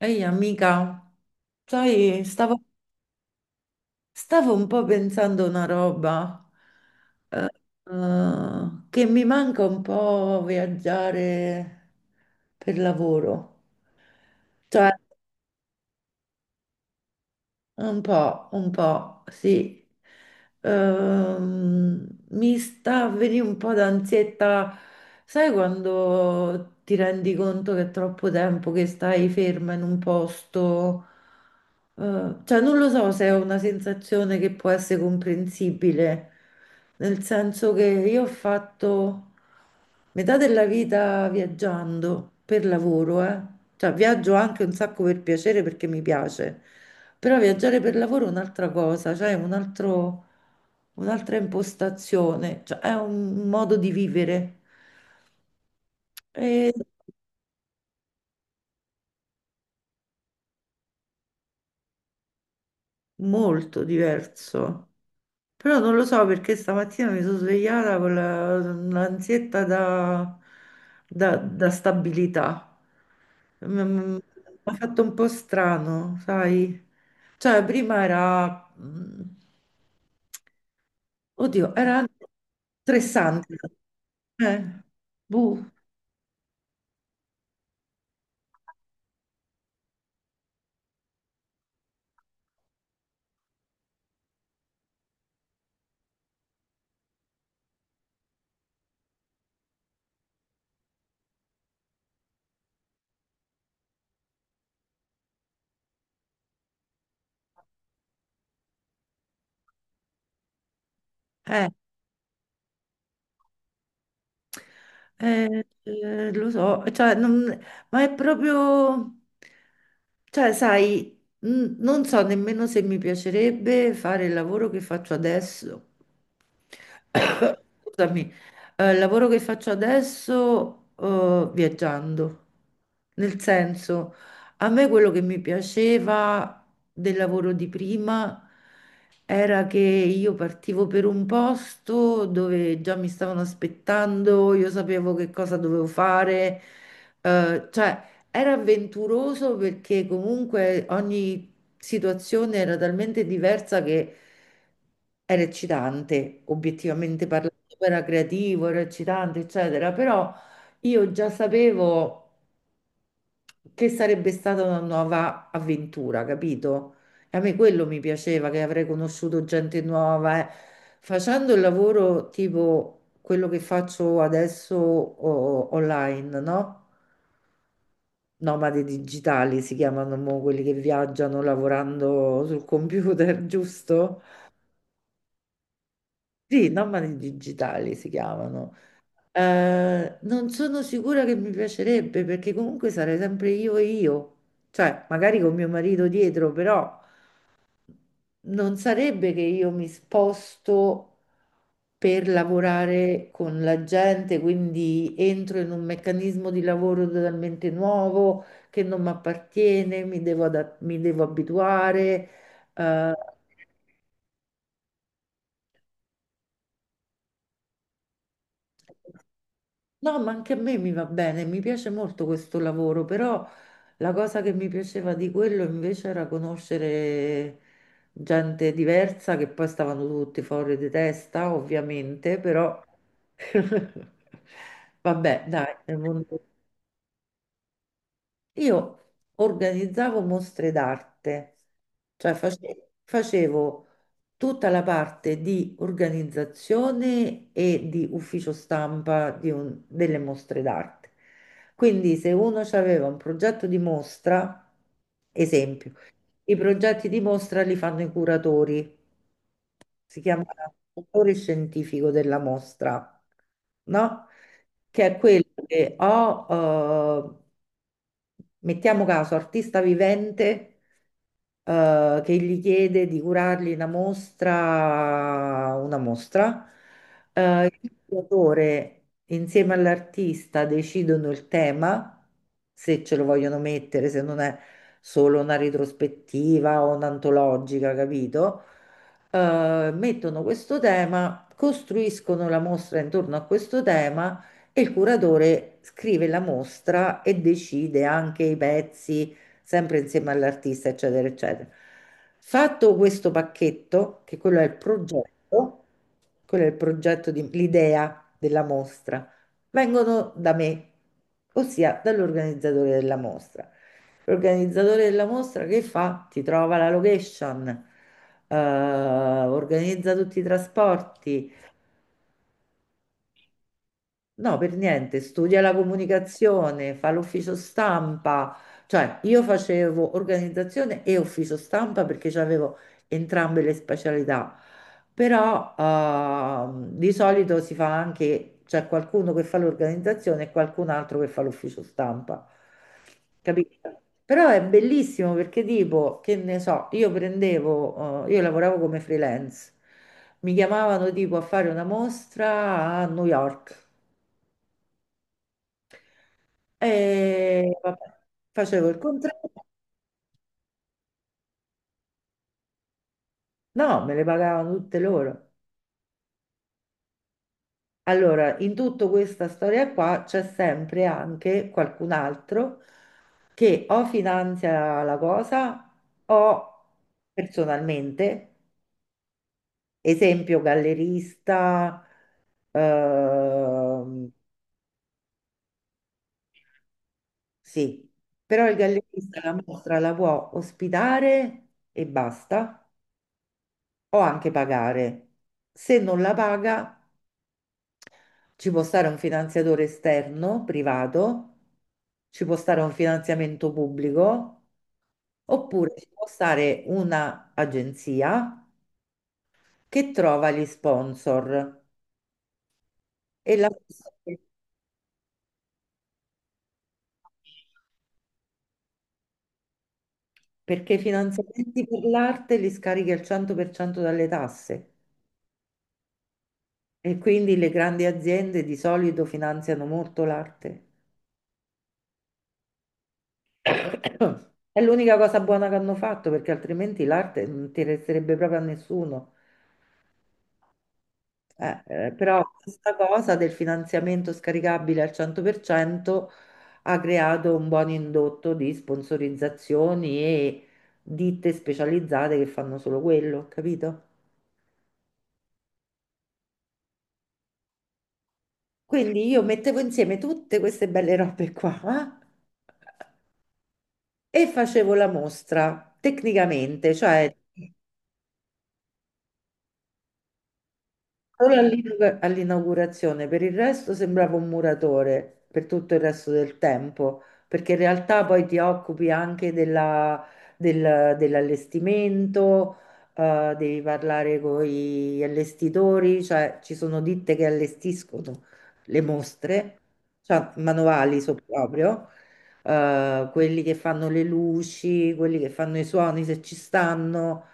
Ehi amica, sai, stavo un po' pensando una roba eh, che mi manca un po' viaggiare per lavoro. Cioè, un po', un po', sì. Mi sta a venire un po' d'ansietta, sai quando ti rendi conto che è troppo tempo che stai ferma in un posto? Cioè, non lo so se è una sensazione che può essere comprensibile, nel senso che io ho fatto metà della vita viaggiando per lavoro, eh. Cioè, viaggio anche un sacco per piacere perché mi piace. Però viaggiare per lavoro è un'altra cosa, cioè è un'altra impostazione, cioè è un modo di vivere, è molto diverso. Però non lo so perché stamattina mi sono svegliata con l'ansietta da stabilità. Mi ha fatto un po' strano, sai? Cioè prima era, oddio, era stressante. Eh, buh, eh, Lo so, cioè, ma è proprio, cioè, sai, non so nemmeno se mi piacerebbe fare il lavoro che faccio adesso. Scusami, il lavoro che faccio adesso, viaggiando. Nel senso, a me quello che mi piaceva del lavoro di prima era che io partivo per un posto dove già mi stavano aspettando, io sapevo che cosa dovevo fare, cioè era avventuroso perché comunque ogni situazione era talmente diversa che era eccitante, obiettivamente parlando, era creativo, era eccitante, eccetera, però io già sapevo che sarebbe stata una nuova avventura, capito? E a me quello mi piaceva, che avrei conosciuto gente nuova. Eh. Facendo il lavoro tipo quello che faccio adesso online, no? Nomadi digitali si chiamano mo quelli che viaggiano lavorando sul computer, giusto? Sì, nomadi digitali si chiamano. Non sono sicura che mi piacerebbe perché comunque sarei sempre io e io, cioè magari con mio marito dietro, però, non sarebbe che io mi sposto per lavorare con la gente, quindi entro in un meccanismo di lavoro totalmente nuovo che non mi appartiene, mi devo abituare. eh, Mm. No, ma anche a me mi va bene, mi piace molto questo lavoro, però la cosa che mi piaceva di quello invece era conoscere gente diversa che poi stavano tutti fuori di testa, ovviamente, però vabbè, dai, nel mondo io organizzavo mostre d'arte, cioè facevo tutta la parte di organizzazione e di ufficio stampa delle mostre d'arte. Quindi se uno aveva un progetto di mostra, esempio. I progetti di mostra li fanno i curatori, si chiama autore scientifico della mostra, no? Che è quello che ho, eh, mettiamo caso, artista vivente, che gli chiede di curargli una mostra, una mostra. Il curatore insieme all'artista decidono il tema, se ce lo vogliono mettere, se non è solo una retrospettiva o un'antologica, capito? Mettono questo tema, costruiscono la mostra intorno a questo tema e il curatore scrive la mostra e decide anche i pezzi, sempre insieme all'artista, eccetera, eccetera. Fatto questo pacchetto, che quello è il progetto, quello è il progetto l'idea della mostra, vengono da me, ossia dall'organizzatore della mostra. L'organizzatore della mostra che fa? Ti trova la location, organizza tutti i trasporti. No, per niente, studia la comunicazione, fa l'ufficio stampa, cioè io facevo organizzazione e ufficio stampa perché avevo entrambe le specialità, però di solito si fa anche, c'è qualcuno che fa l'organizzazione e qualcun altro che fa l'ufficio stampa, capito? Però è bellissimo perché tipo, che ne so, io prendevo, io lavoravo come freelance, mi chiamavano tipo a fare una mostra a New York. E vabbè, facevo il contratto. No, me le pagavano tutte loro. Allora, in tutta questa storia qua c'è sempre anche qualcun altro che o finanzia la cosa o personalmente, esempio gallerista, ehm, sì, però il gallerista la mostra la può ospitare e basta, o anche pagare. Se non la paga ci può stare un finanziatore esterno, privato, ci può stare un finanziamento pubblico, oppure ci può stare un'agenzia che trova gli sponsor. E la. Perché i finanziamenti per l'arte li scarichi al 100% dalle tasse e quindi le grandi aziende di solito finanziano molto l'arte. È l'unica cosa buona che hanno fatto perché altrimenti l'arte non interesserebbe proprio a nessuno. Però questa cosa del finanziamento scaricabile al 100% ha creato un buon indotto di sponsorizzazioni e ditte specializzate che fanno solo quello, capito? Quindi io mettevo insieme tutte queste belle robe qua e facevo la mostra tecnicamente, cioè solo all'inaugurazione, per il resto sembrava un muratore per tutto il resto del tempo, perché in realtà poi ti occupi anche dell'allestimento, devi parlare con gli allestitori, cioè ci sono ditte che allestiscono le mostre, cioè manuali so proprio, quelli che fanno le luci, quelli che fanno i suoni se ci stanno.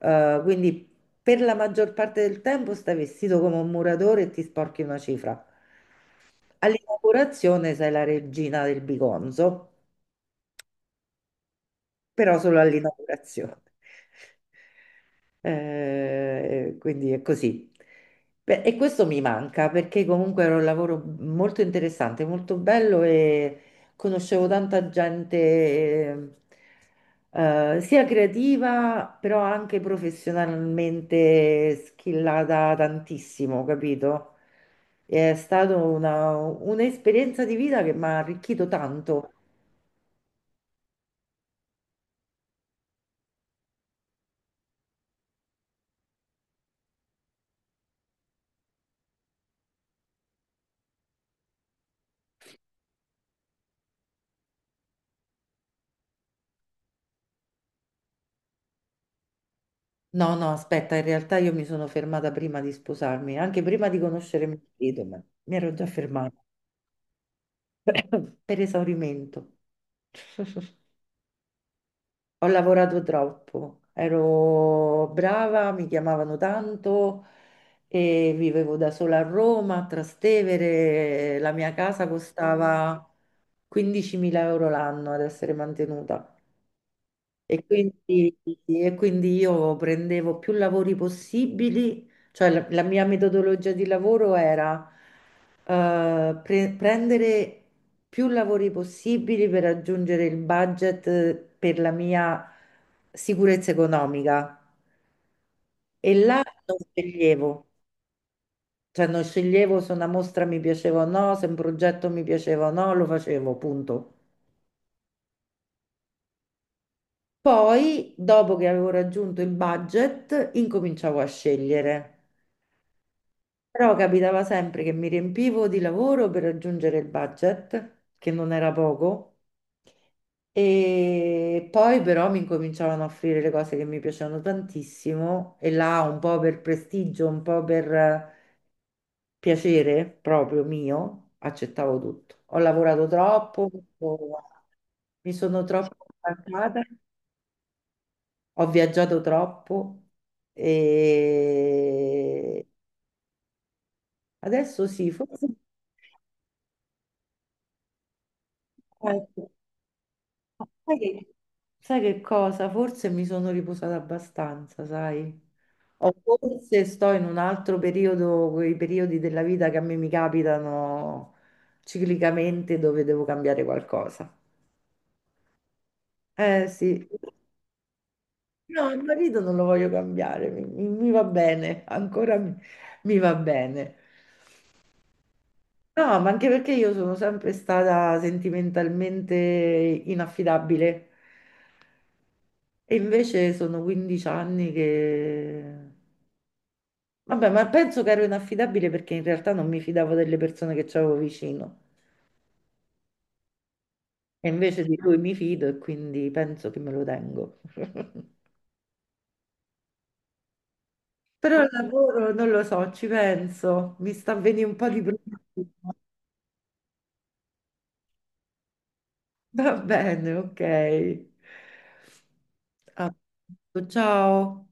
Quindi per la maggior parte del tempo stai vestito come un muratore e ti sporchi una cifra. All'inaugurazione sei la regina del bigonzo, però solo all'inaugurazione. Quindi è così. Beh, e questo mi manca perché comunque era un lavoro molto interessante, molto bello e conoscevo tanta gente, sia creativa, però anche professionalmente skillata tantissimo, capito? È stata un'esperienza di vita che mi ha arricchito tanto. No, no, aspetta, in realtà io mi sono fermata prima di sposarmi, anche prima di conoscere mio marito, ma mi ero già fermata per esaurimento. Ho lavorato troppo, ero brava, mi chiamavano tanto e vivevo da sola a Roma, a Trastevere, la mia casa costava 15.000 euro l'anno ad essere mantenuta. E quindi, e quindi io prendevo più lavori possibili, cioè la mia metodologia di lavoro era prendere più lavori possibili per raggiungere il budget per la mia sicurezza economica. E là non sceglievo, cioè non sceglievo se una mostra mi piaceva o no, se un progetto mi piaceva o no, lo facevo, punto. Poi, dopo che avevo raggiunto il budget, incominciavo a scegliere. Però capitava sempre che mi riempivo di lavoro per raggiungere il budget, che non era poco, e poi però mi incominciavano a offrire le cose che mi piacevano tantissimo, e là un po' per prestigio, un po' per piacere proprio mio, accettavo tutto. Ho lavorato troppo, ho- mi sono troppo stancata, ho viaggiato troppo e adesso sì, forse. Ma sai che cosa? Forse mi sono riposata abbastanza, sai? O forse sto in un altro periodo, quei periodi della vita che a me mi capitano ciclicamente dove devo cambiare qualcosa. Eh sì, no, il marito non lo voglio cambiare, mi va bene, ancora mi va bene. No, ma anche perché io sono sempre stata sentimentalmente inaffidabile e invece sono 15 anni che. Vabbè, ma penso che ero inaffidabile perché in realtà non mi fidavo delle persone che c'avevo vicino. E invece di lui mi fido e quindi penso che me lo tengo. Però il lavoro non lo so, ci penso. Mi sta avvenendo un po' di problema. Va bene, ok. A- Ciao.